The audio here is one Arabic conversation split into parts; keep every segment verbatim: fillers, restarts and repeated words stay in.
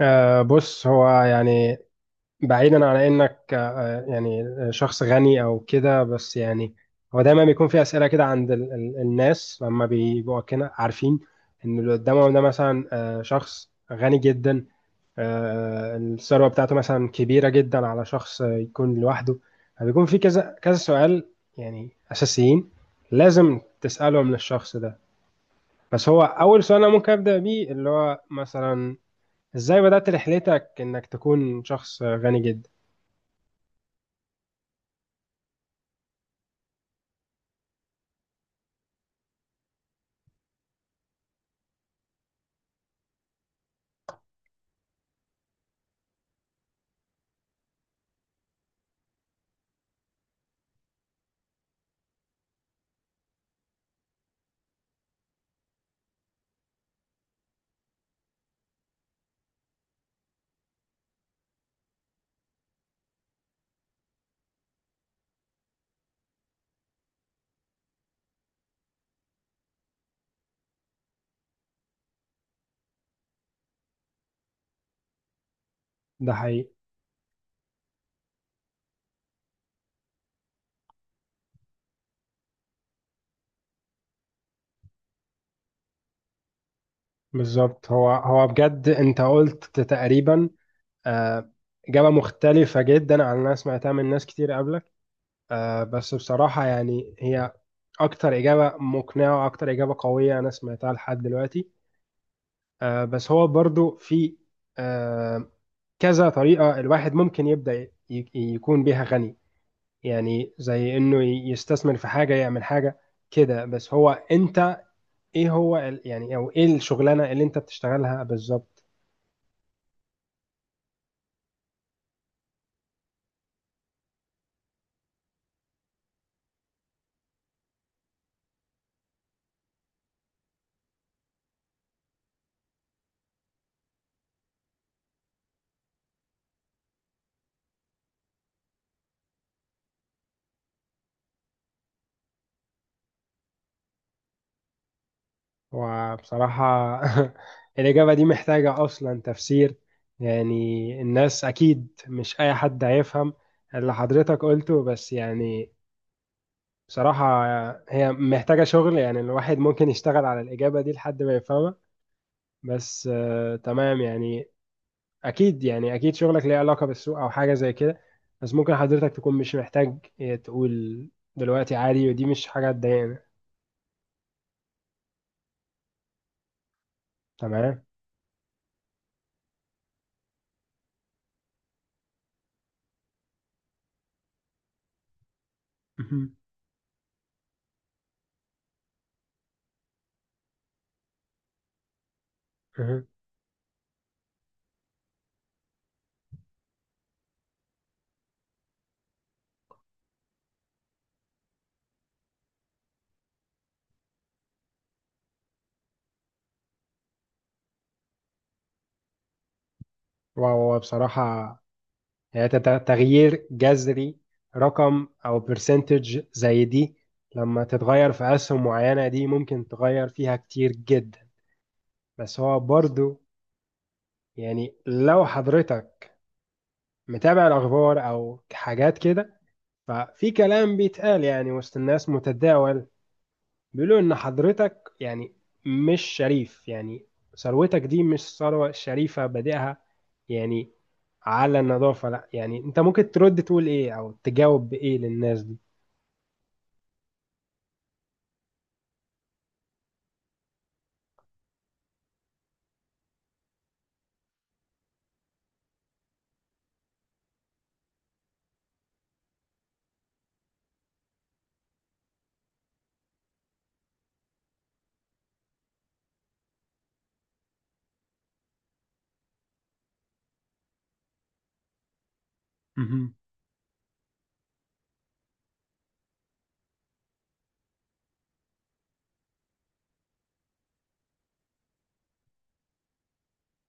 آه بص هو يعني بعيدا عن انك آه آه، يعني شخص غني او كده بس يعني هو دايما بيكون في اسئله كده عند ال ال الناس لما بيبقوا كده عارفين ان اللي قدامهم ده مثلا آه شخص غني جدا، آه آه، الثروه بتاعته مثلا كبيره جدا على شخص آه، يكون لوحده. فبيكون في كذا كذا سؤال يعني اساسيين لازم تسالهم للشخص ده. بس هو اول سؤال انا ممكن ابدا بيه اللي هو مثلا، ازاي بدأت رحلتك انك تكون شخص غني جدا؟ ده حقيقي. بالظبط، هو هو بجد انت قلت تقريبا آه، إجابة مختلفة جدا عن اللي انا سمعتها من ناس كتير قبلك. آه، بس بصراحة يعني هي اكتر إجابة مقنعة واكتر إجابة قوية انا سمعتها لحد دلوقتي. آه، بس هو برضو في آه، كذا طريقة الواحد ممكن يبدأ ي- يكون بيها غني، يعني زي انه يستثمر في حاجة يعمل حاجة كده. بس هو انت ايه هو ال- يعني، او ايه الشغلانة اللي انت بتشتغلها بالظبط؟ وبصراحة الإجابة دي محتاجة أصلا تفسير، يعني الناس أكيد مش أي حد هيفهم اللي حضرتك قلته. بس يعني بصراحة هي محتاجة شغل، يعني الواحد ممكن يشتغل على الإجابة دي لحد ما يفهمها. بس آه تمام يعني، أكيد يعني أكيد شغلك ليه علاقة بالسوق أو حاجة زي كده، بس ممكن حضرتك تكون مش محتاج تقول دلوقتي عادي، ودي مش حاجة تضايقنا. تمام. مهم. مهم. وهو بصراحة يعني تت- تغيير جذري، رقم أو برسنتج زي دي لما تتغير في أسهم معينة دي ممكن تغير فيها كتير جدا. بس هو برضو يعني، لو حضرتك متابع الأخبار أو حاجات كده ففي كلام بيتقال يعني وسط الناس متداول، بيقولوا إن حضرتك يعني مش شريف، يعني ثروتك دي مش ثروة شريفة بادئها يعني على النظافة. لا يعني، انت ممكن ترد تقول ايه او تجاوب بايه للناس دي؟ مهم.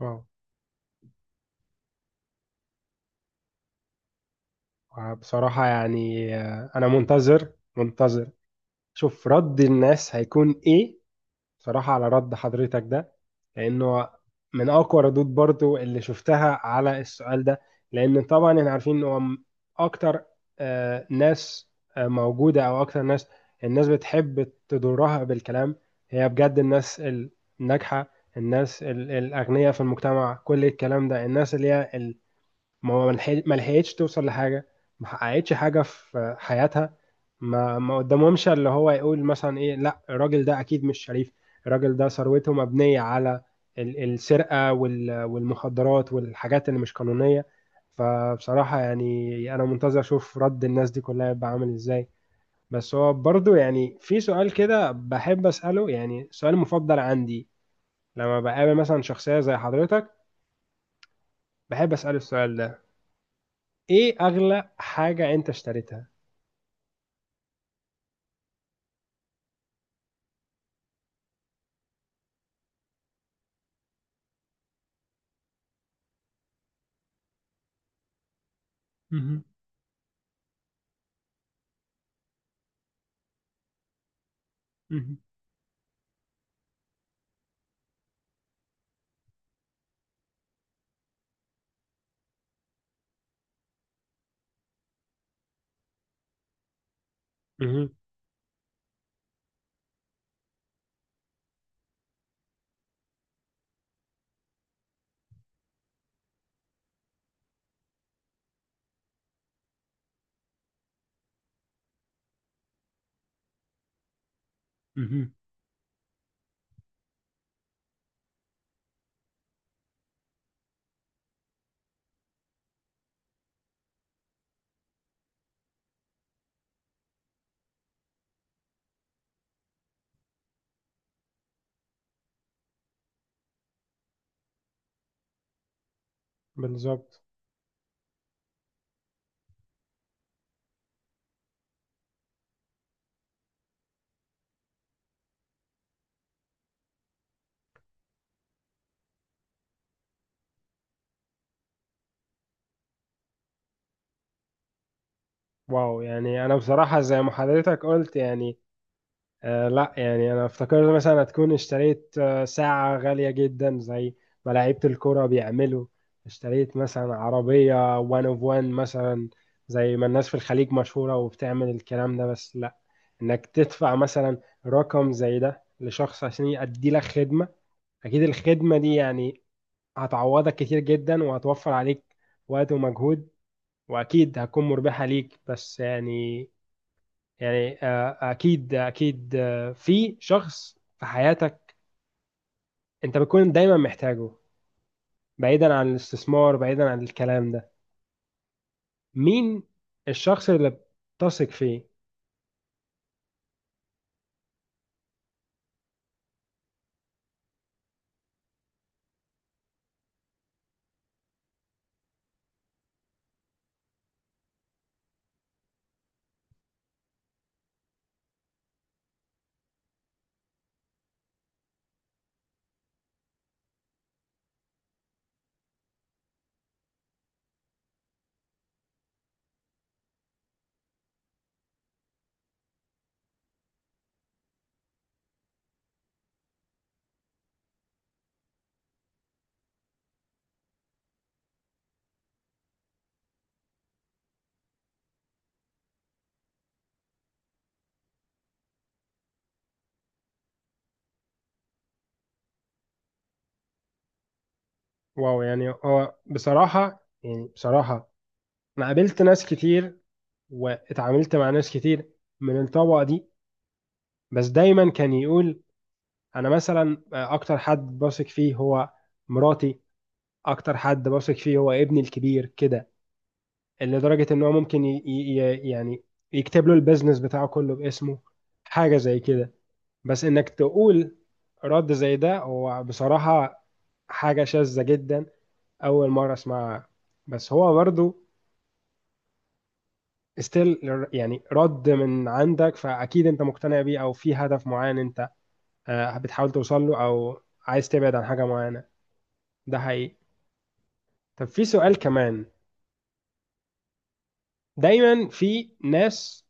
اه بصراحة يعني آه، انا منتظر منتظر شوف رد الناس هيكون ايه صراحة على رد حضرتك ده، لأنه من أقوى ردود برضو اللي شفتها على السؤال ده. لأن طبعا احنا عارفين إن هو م- أكتر آه، ناس آه، موجودة أو أكتر ناس، الناس بتحب تضرها بالكلام. هي بجد الناس الناجحة، الناس ال- الأغنياء في المجتمع، كل الكلام ده الناس اللي هي ما هو ملحق- ما لحقتش توصل لحاجة، ما حققتش حاجة في حياتها، ما ما قدامهمش اللي هو يقول مثلا ايه. لا الراجل ده اكيد مش شريف، الراجل ده ثروته مبنية على ال- السرقة وال- والمخدرات والحاجات اللي مش قانونية. فبصراحة يعني انا منتظر اشوف رد الناس دي كلها يبقى عامل ازاي. بس هو برضو يعني في سؤال كده بحب اسأله، يعني سؤال مفضل عندي لما بقابل مثلا شخصية زي حضرتك بحب اسأله السؤال ده. ايه اغلى حاجة انت اشتريتها؟ مهم. مهم. مهم. مهم. بالظبط. واو يعني، انا بصراحة زي ما حضرتك قلت يعني آه لا، يعني انا افتكرت مثلا هتكون اشتريت آه ساعة غالية جدا زي ما لعيبة الكرة بيعملوا، اشتريت مثلا عربية وان اوف وان مثلا زي ما الناس في الخليج مشهورة وبتعمل الكلام ده. بس لا، انك تدفع مثلا رقم زي ده لشخص عشان يأدي لك خدمة، اكيد الخدمة دي يعني هتعوضك كتير جدا وهتوفر عليك وقت ومجهود، واكيد هتكون مربحة ليك. بس يعني، يعني آه، اكيد اكيد آه، في شخص في حياتك انت بتكون دايما محتاجه، بعيدا عن الاستثمار، بعيدا عن الكلام ده، مين الشخص اللي بتثق فيه؟ واو، يعني هو بصراحة يعني، بصراحة انا قابلت ناس كتير واتعاملت مع ناس كتير من الطبقة دي، بس دايما كان يقول انا مثلا آه، اكتر حد بثق فيه هو مراتي، اكتر حد بثق فيه هو ابني الكبير كده، لدرجة ان هو ممكن ي... ي... ي- يعني يكتب له البيزنس بتاعه كله باسمه، حاجة زي كده. بس انك تقول رد زي ده هو بصراحة حاجة شاذة جدا، اول مرة اسمعها. بس هو برضو استيل يعني رد من عندك، فاكيد انت مقتنع بيه او في هدف معين انت آه، بتحاول توصل له، او عايز تبعد عن حاجة معينة. ده حقيقي. طب في سؤال كمان، دايما في ناس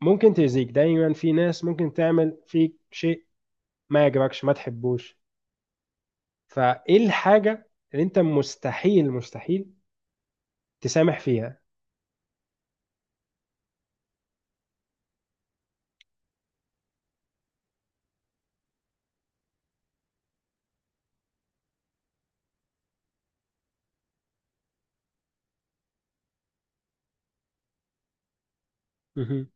ممكن تأذيك، دايما في ناس ممكن تعمل فيك شيء ما يعجبكش، ما تحبوش، فايه الحاجة اللي انت مستحيل مستحيل تسامح فيها؟ مهم.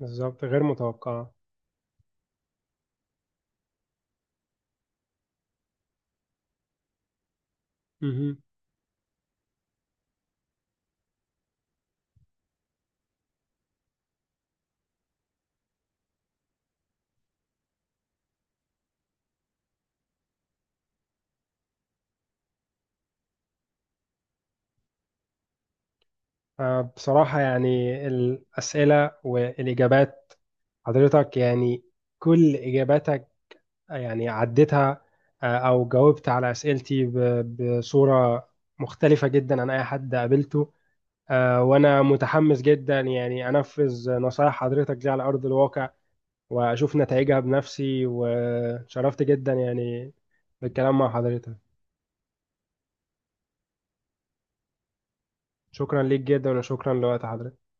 بالظبط، غير متوقعة. مهم. آه، بصراحة يعني الأسئلة والإجابات حضرتك يعني كل إجاباتك يعني عديتها آه، أو جاوبت على أسئلتي ب- بصورة مختلفة جدا عن أي حد قابلته. آه، وأنا متحمس جدا يعني أنفذ نصائح حضرتك دي على أرض الواقع وأشوف نتائجها بنفسي، وشرفت جدا يعني بالكلام مع حضرتك. شكرا ليك جدا وشكرا لوقت حضرتك.